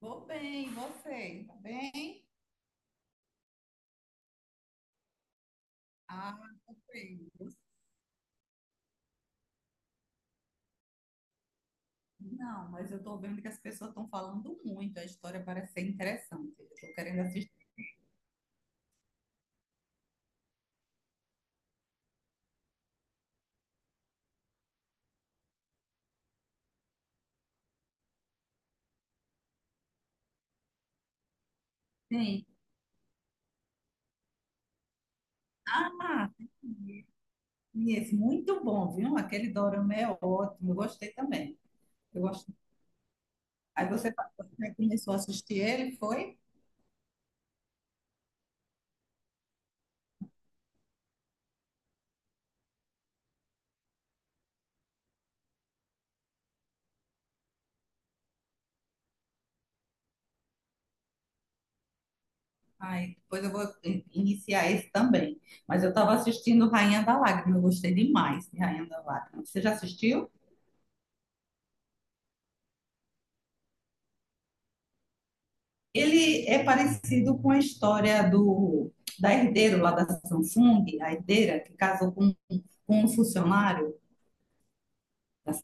Vou bem, você? Tá bem? Ah, tô bem. Não, mas eu tô vendo que as pessoas estão falando muito. A história parece ser interessante. Eu tô querendo assistir. Sim. Ah, e esse muito bom, viu? Aquele dorama é ótimo. Eu gostei também. Eu gostei. Aí você começou a assistir ele, foi? Aí depois eu vou iniciar esse também. Mas eu estava assistindo Rainha da Lágrima. Eu gostei demais de Rainha da Lágrima. Você já assistiu? Ele é parecido com a história do da herdeira lá da Samsung, a herdeira que casou com um funcionário da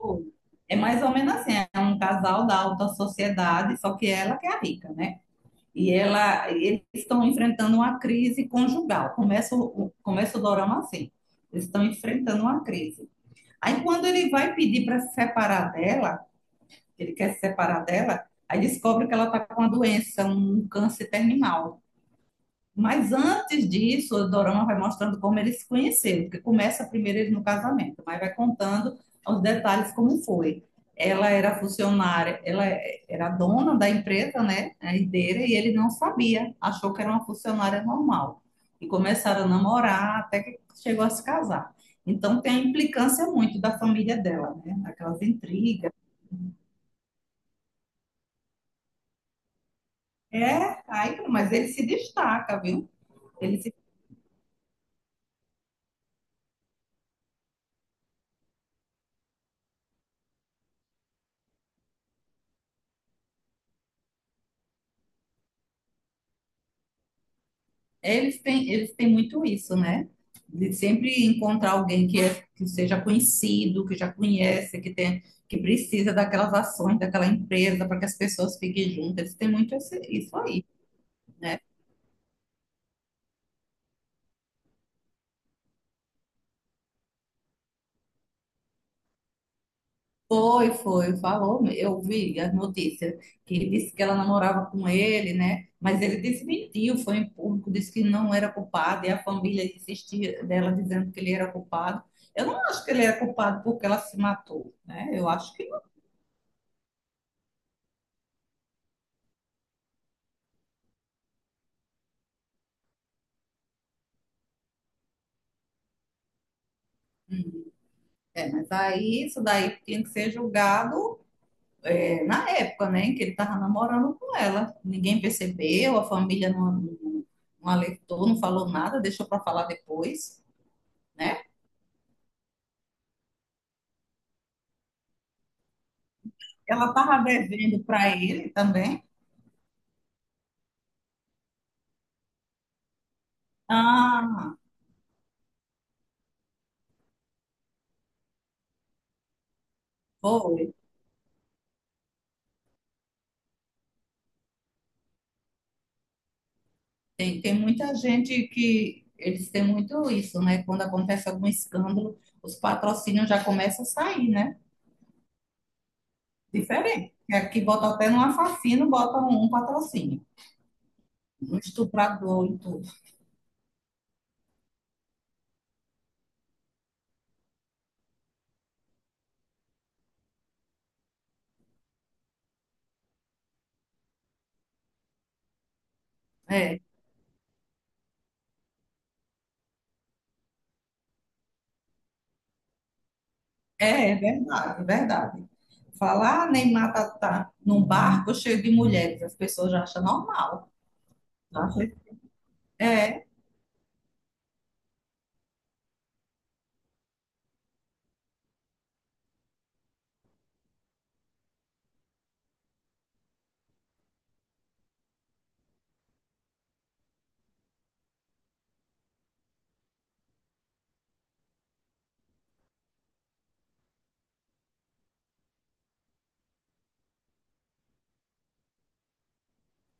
Samsung. É mais ou menos assim, é um casal da alta sociedade, só que ela que é a rica, né? E ela, eles estão enfrentando uma crise conjugal. Começa o dorama assim. Eles estão enfrentando uma crise. Aí quando ele vai pedir para se separar dela, ele quer se separar dela, aí descobre que ela está com uma doença, um câncer terminal. Mas antes disso, o dorama vai mostrando como eles se conheceram, porque começa primeiro ele no casamento, mas vai contando os detalhes como foi. Ela era funcionária, ela era dona da empresa, né, a herdeira, e ele não sabia, achou que era uma funcionária normal. E começaram a namorar até que chegou a se casar. Então tem a implicância muito da família dela, né, aquelas intrigas. É, aí, mas ele se destaca, viu? Ele se Eles têm muito isso, né? De sempre encontrar alguém que, é, que seja conhecido, que já conhece, que tem, que precisa daquelas ações daquela empresa para que as pessoas fiquem juntas. Eles têm muito isso aí, né? Foi, foi, falou. Eu vi as notícias que ele disse que ela namorava com ele, né? Mas ele desmentiu, foi em público, disse que não era culpado e a família insistia dela dizendo que ele era culpado. Eu não acho que ele era culpado porque ela se matou, né? Eu acho que é, mas aí isso daí tinha que ser julgado é, na época, né, em que ele estava namorando com ela. Ninguém percebeu, a família não alertou, não falou nada, deixou para falar depois, né? Ela estava devendo para ele também. Ah, foi. Tem, tem muita gente que eles têm muito isso, né? Quando acontece algum escândalo, os patrocínios já começam a sair, né? Diferente. Aqui bota até no assassino, bota um patrocínio. Um estuprador, é, é verdade, é verdade. Falar Neymar tá, tá num barco cheio de mulheres, as pessoas já acham normal. Tá? É,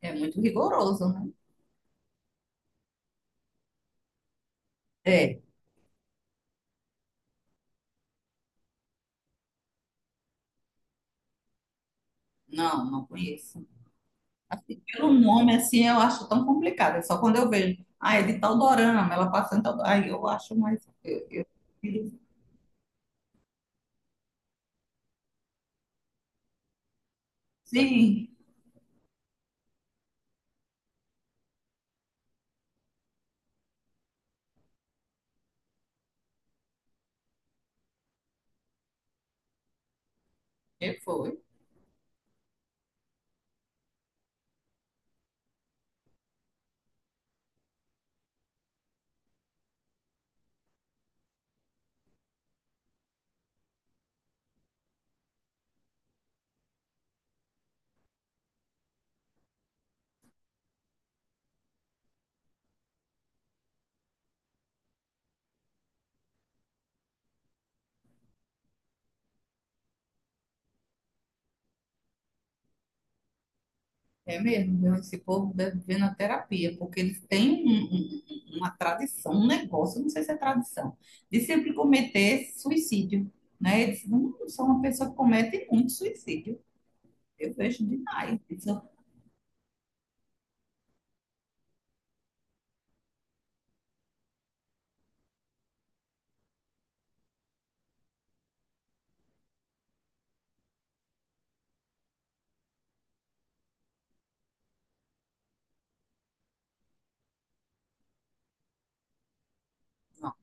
é muito rigoroso, né? É, não, não conheço. Assim, pelo nome, assim, eu acho tão complicado. É só quando eu vejo, ah, é de tal dorama, ela passa em tal... Aí eu acho mais... Sim, que foi. É mesmo, viu? Esse povo deve viver na terapia, porque eles têm uma tradição, um negócio, não sei se é tradição, de sempre cometer suicídio, né? Eles não são uma pessoa que comete muito suicídio. Eu vejo demais. Isso, não,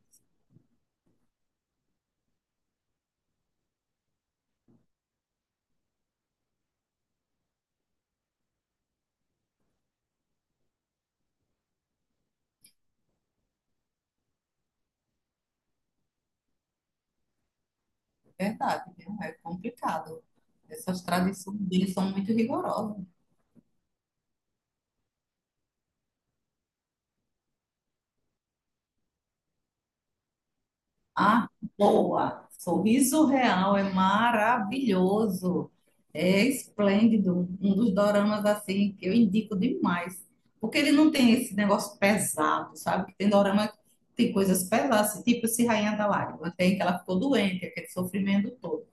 é verdade, viu? É complicado. Essas tradições deles são muito rigorosas. Ah, boa! Sorriso Real é maravilhoso, é esplêndido, um dos doramas assim que eu indico demais, porque ele não tem esse negócio pesado, sabe? Que tem dorama que tem coisas pesadas, tipo esse Rainha da Lágrima, tem que ela ficou doente, aquele sofrimento todo.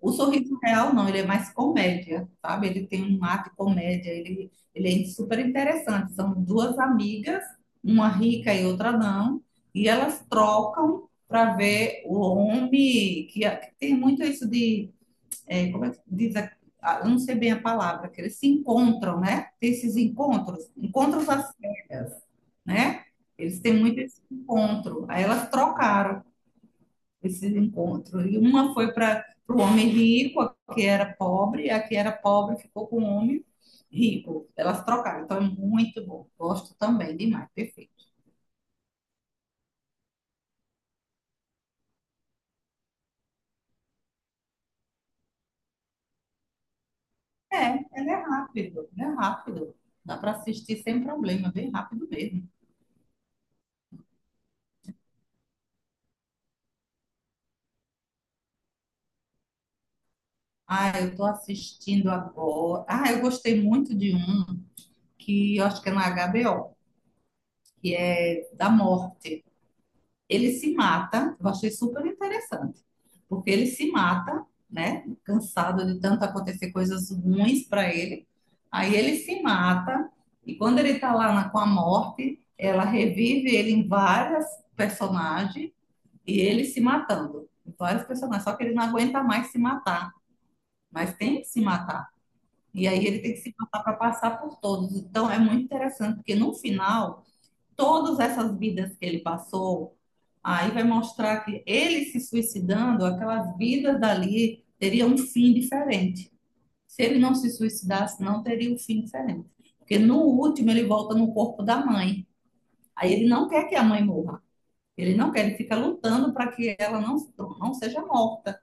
O Sorriso Real não, ele é mais comédia, sabe? Ele tem um ar de comédia, ele é super interessante. São duas amigas, uma rica e outra não, e elas trocam para ver o homem, que tem muito isso de, é, como é que diz, eu não sei bem a palavra, que eles se encontram, né? Tem esses encontros, encontros às cegas, né? Eles têm muito esse encontro. Aí elas trocaram esses encontros. E uma foi para o homem rico, a que era pobre, a que era pobre ficou com o homem rico. Elas trocaram, então é muito bom. Gosto também demais, perfeito. É, ela é rápido, é rápido. Dá para assistir sem problema, é bem rápido mesmo. Ah, eu estou assistindo agora. Ah, eu gostei muito de um que eu acho que é na HBO, que é da morte. Ele se mata, eu achei super interessante, porque ele se mata, né? Cansado de tanto acontecer coisas ruins para ele. Aí ele se mata, e quando ele tá lá com a morte, ela revive ele em várias personagens e ele se matando. Em vários personagens, só que ele não aguenta mais se matar, mas tem que se matar. E aí ele tem que se matar para passar por todos. Então é muito interessante, porque no final, todas essas vidas que ele passou, aí vai mostrar que ele se suicidando, aquelas vidas dali teria um fim diferente. Se ele não se suicidasse, não teria um fim diferente. Porque no último ele volta no corpo da mãe. Aí ele não quer que a mãe morra. Ele não quer, ele fica lutando para que ela não, não seja morta,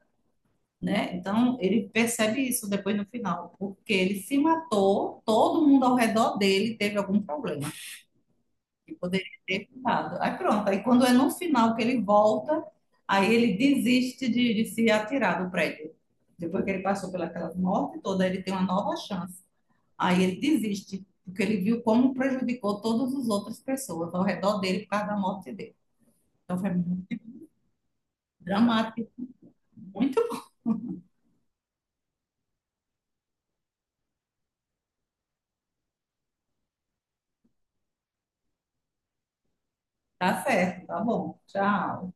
né? Então ele percebe isso depois no final, porque ele se matou, todo mundo ao redor dele teve algum problema que poderia ter ficado. Aí pronto, aí quando é no final que ele volta, aí ele desiste de se atirar do prédio. Depois que ele passou pelaquela morte toda, ele tem uma nova chance. Aí ele desiste, porque ele viu como prejudicou todas as outras pessoas ao redor dele por causa da morte dele. Então foi muito dramático, muito bom. Tá certo, tá bom. Tchau.